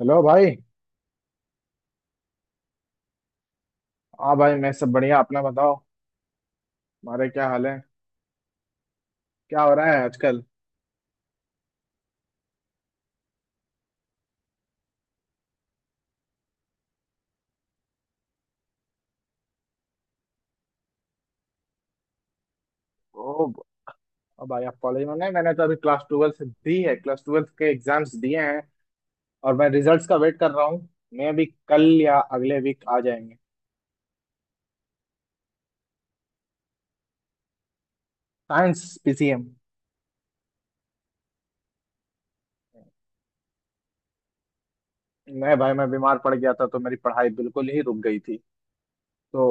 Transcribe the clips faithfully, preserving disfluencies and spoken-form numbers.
Hello भाई। हाँ भाई, मैं सब बढ़िया, अपना बताओ। हमारे क्या हाल है? क्या हो रहा है आजकल? ओ, अब भाई आप कॉलेज में नहीं, मैंने तो अभी क्लास ट्वेल्थ दी है, क्लास ट्वेल्थ के एग्जाम्स दिए हैं। और मैं रिजल्ट्स का वेट कर रहा हूँ। मैं भी कल या अगले वीक आ जाएंगे। Science PCM. मैं भाई मैं बीमार पड़ गया था तो मेरी पढ़ाई बिल्कुल ही रुक गई थी। तो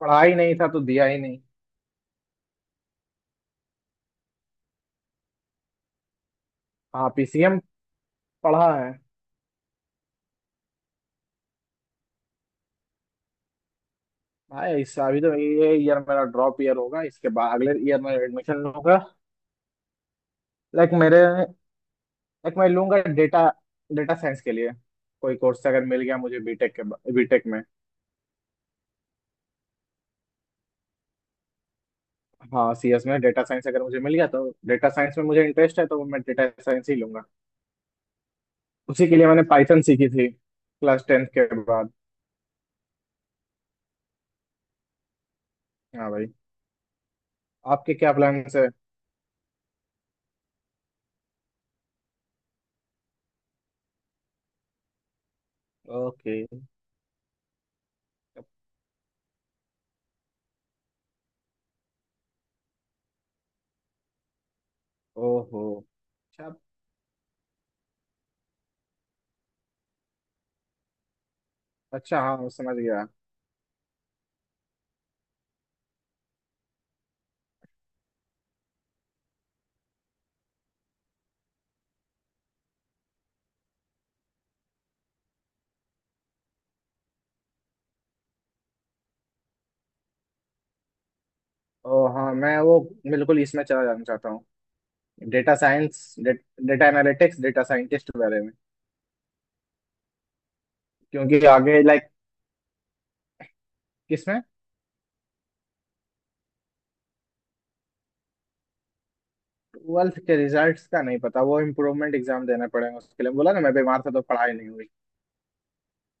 पढ़ा ही नहीं था तो दिया ही नहीं। हाँ पीसीएम पढ़ा है। भाई इस अभी तो ये ईयर मेरा ड्रॉप ईयर होगा, इसके बाद अगले ईयर में एडमिशन लूंगा। लाइक मेरे एक मैं लूंगा डेटा, डेटा साइंस के लिए कोई कोर्स अगर मिल गया मुझे बीटेक के, बीटेक में। हाँ सीएस में डेटा साइंस अगर मुझे मिल गया तो डेटा साइंस में मुझे इंटरेस्ट है तो मैं डेटा साइंस ही लूंगा। उसी के लिए मैंने पाइथन सीखी थी क्लास टेंथ के बाद। हाँ भाई, आपके क्या प्लान्स है? ओके। ओहो। अच्छा अच्छा, हाँ समझ गया। ओ हाँ मैं वो बिल्कुल इसमें चला जाना चाहता हूँ, data science, data analytics, data scientist के बारे में। क्योंकि आगे लाइक, किसमें? ट्वेल्थ के रिजल्ट्स का नहीं पता, वो इम्प्रूवमेंट एग्जाम देना पड़ेगा, उसके लिए बोला ना, मैं बीमार था तो पढ़ाई नहीं हुई।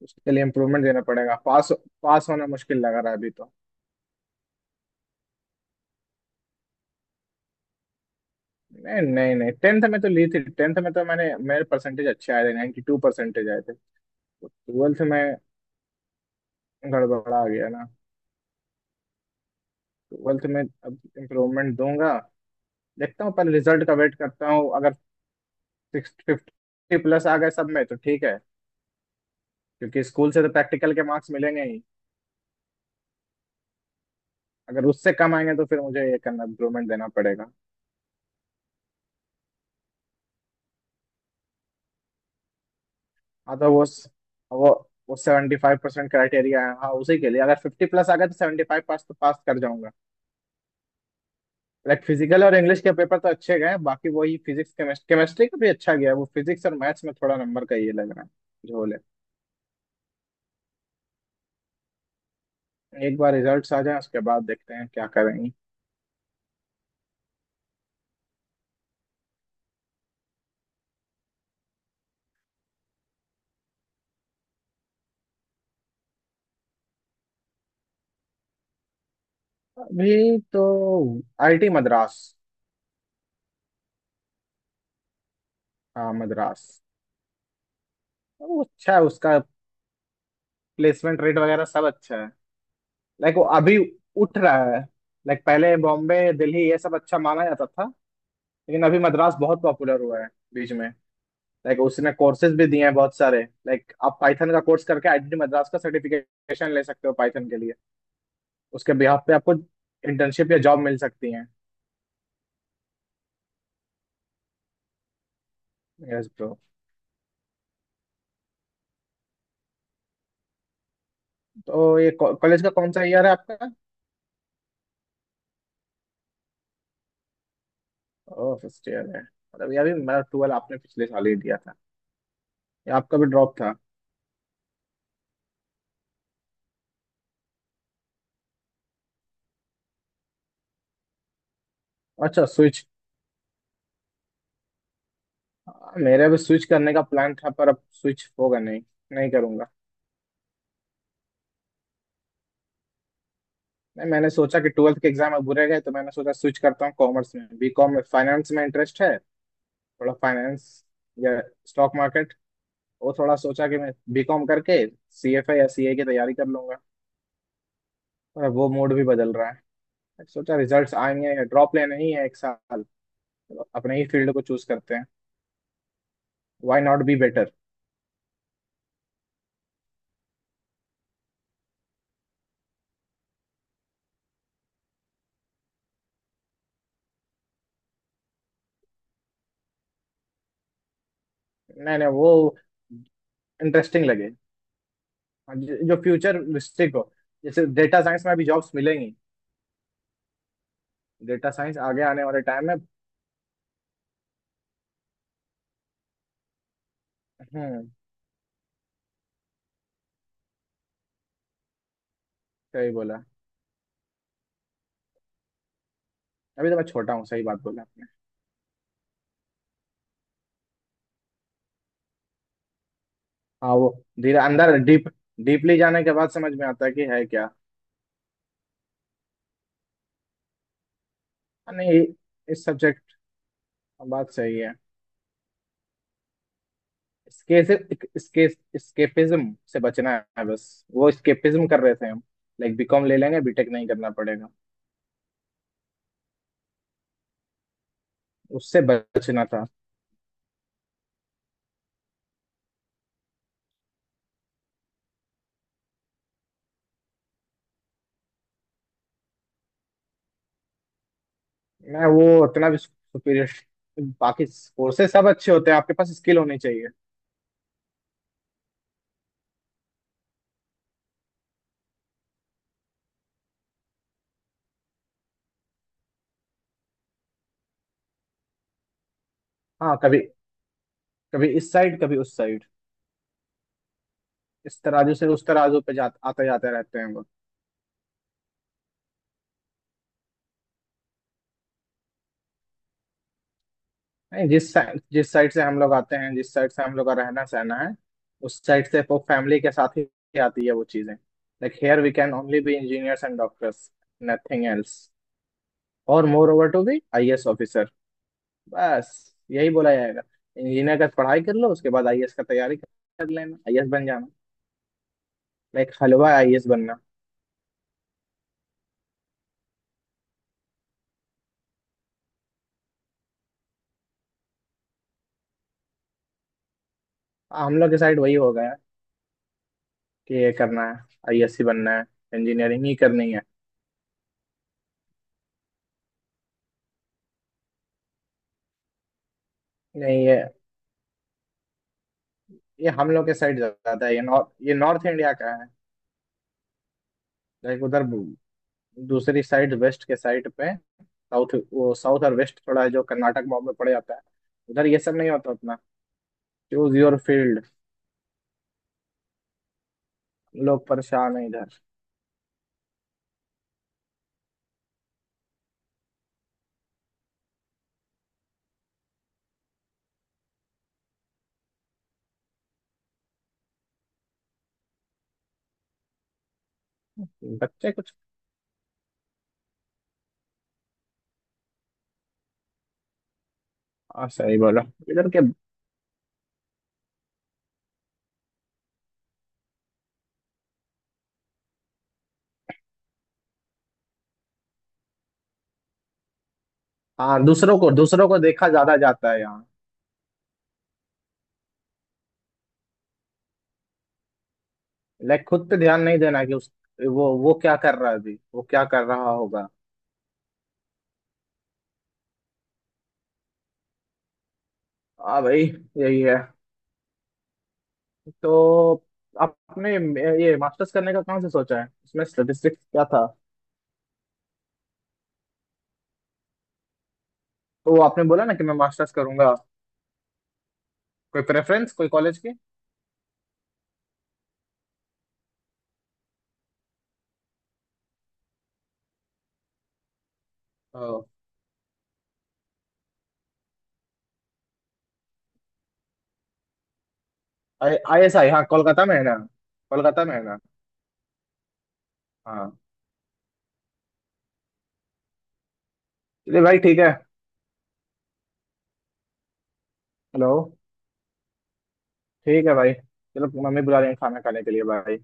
उसके लिए इम्प्रूवमेंट देना पड़ेगा, पास, पास होना मुश्किल लग रहा है अभी तो। नहीं नहीं नहीं, टेंथ में तो ली थी, टेंथ में तो मैंने, मेरे परसेंटेज अच्छे आए थे, बानवे परसेंटेज आए थे। ट्वेल्थ में गड़बड़ा गया ना। ट्वेल्थ में अब इम्प्रूवमेंट दूंगा। देखता हूँ, पहले रिजल्ट का वेट करता हूँ, अगर सिक्स फिफ्टी प्लस आ गए सब में तो ठीक है, क्योंकि स्कूल से तो प्रैक्टिकल के मार्क्स मिलेंगे ही। अगर उससे कम आएंगे तो फिर मुझे ये करना, इम्प्रूवमेंट देना पड़ेगा। मतलब वो वो वो सेवेंटी फाइव परसेंट क्राइटेरिया है, हाँ उसी के लिए, अगर फिफ्टी प्लस आ गया तो सेवेंटी फाइव, पास तो पास कर जाऊंगा। लाइक फिजिकल और इंग्लिश के पेपर तो अच्छे गए, बाकी वही फिजिक्स केमिस्ट्री, केमिस्ट्री का भी अच्छा गया है, वो फिजिक्स और मैथ्स में थोड़ा नंबर का ये लग रहा है, झोल है। एक बार रिजल्ट्स आ जाए उसके बाद देखते हैं क्या करेंगे। अभी तो आईटी मद्रास। हाँ मद्रास, वो अच्छा है, उसका प्लेसमेंट रेट वगैरह सब अच्छा है। लाइक वो अभी उठ रहा है। लाइक पहले बॉम्बे दिल्ली ये सब अच्छा माना जाता था, लेकिन अभी मद्रास बहुत पॉपुलर हुआ है बीच में। लाइक उसने कोर्सेज भी दिए हैं बहुत सारे, लाइक आप पाइथन का कोर्स करके आईआईटी मद्रास का सर्टिफिकेशन ले सकते हो पाइथन के लिए। उसके बिहाफ पे आपको इंटर्नशिप या जॉब मिल सकती है। Yes bro. तो ये कॉलेज का कौन सा ईयर है आपका? ओह फर्स्ट ईयर है, मतलब ये अभी मेरा ट्वेल्व आपने पिछले साल ही दिया था। ये आपका भी ड्रॉप था? अच्छा स्विच। मेरा भी स्विच करने का प्लान था पर अब स्विच होगा नहीं, नहीं करूंगा। नहीं मैंने सोचा कि ट्वेल्थ के एग्जाम अब बुरे गए तो मैंने सोचा स्विच करता हूँ कॉमर्स में, बीकॉम में, फाइनेंस में इंटरेस्ट है थोड़ा, फाइनेंस या स्टॉक मार्केट। वो थोड़ा सोचा कि मैं बीकॉम करके सीएफए या सीए की तैयारी कर लूंगा। और अब वो मूड भी बदल रहा है, सोचा रिजल्ट्स आएंगे, ड्रॉप लेना ही है एक साल, तो अपने ही फील्ड को चूज करते हैं, व्हाई नॉट बी बेटर। नहीं नहीं वो इंटरेस्टिंग लगे। हाँ, जो जो फ्यूचर रिस्ट्रिक्ट हो, जैसे डेटा साइंस में अभी जॉब्स मिलेंगी, डेटा साइंस आगे आने वाले टाइम में। हम्म, सही बोला। अभी तो मैं छोटा हूँ, सही बात बोला आपने। हाँ वो धीरे अंदर डीप, डीपली जाने के बाद समझ में आता है कि है क्या। हाँ, नहीं, इस सब्जेक्ट, बात सही है। इसके इसके स्केपिज्म से बचना है बस, वो स्केपिज्म कर रहे थे हम, लाइक बीकॉम ले लेंगे बीटेक नहीं करना पड़ेगा, उससे बचना था। मैं वो उतना भी सुपीरियर, बाकी कोर्सेज सब अच्छे होते हैं, आपके पास स्किल होनी चाहिए। हाँ कभी कभी इस साइड कभी उस साइड, इस तराजू से उस तराजू पे जा, आते जाते रहते हैं वो। नहीं जिस साइड, जिस साइड से हम लोग आते हैं, जिस साइड से हम लोग का रहना सहना है, उस साइड से वो फैमिली के साथ ही आती है वो चीजें, like here we can only be engineers and doctors, nothing else. और moreover to be IAS officer, बस यही बोला जाएगा, इंजीनियर का पढ़ाई कर लो उसके बाद आईएएस का तैयारी कर लेना, आईएएस बन जाना, लाइक हलवा आईएएस बनना। हाँ, हम लोग के साइड वही हो गया है, कि ये करना है, आईएएस ही बनना है, इंजीनियरिंग ही करनी है। नहीं ये, ये हम लोग के साइड ज्यादा है, ये नॉर्थ, ये नॉर्थ इंडिया का। लाइक उधर, दूसरी साइड वेस्ट के साइड पे, साउथ, वो साउथ और वेस्ट थोड़ा है, जो कर्नाटक बॉम्ब में पड़ जाता है, उधर ये सब नहीं होता, अपना चूज योर फील्ड। लोग परेशान है इधर, बच्चे कुछ। हाँ सही बोला, इधर के। हाँ दूसरों को दूसरों को देखा ज्यादा जाता है यहाँ, लाइक खुद पे ध्यान नहीं देना, कि उस, वो वो क्या कर रहा है, अभी वो क्या कर रहा होगा। हाँ भाई, यही है। तो आपने ये मास्टर्स करने का कहाँ से सोचा है, इसमें स्टेटिस्टिक्स क्या था? तो वो आपने बोला ना कि मैं मास्टर्स करूंगा, कोई प्रेफरेंस, कोई कॉलेज की? आई एस आई, हाँ कोलकाता में है ना? कोलकाता में है ना? हाँ। चलिए भाई ठीक है। हेलो। ठीक है भाई चलो, मम्मी बुला रही है खाना खाने के लिए भाई।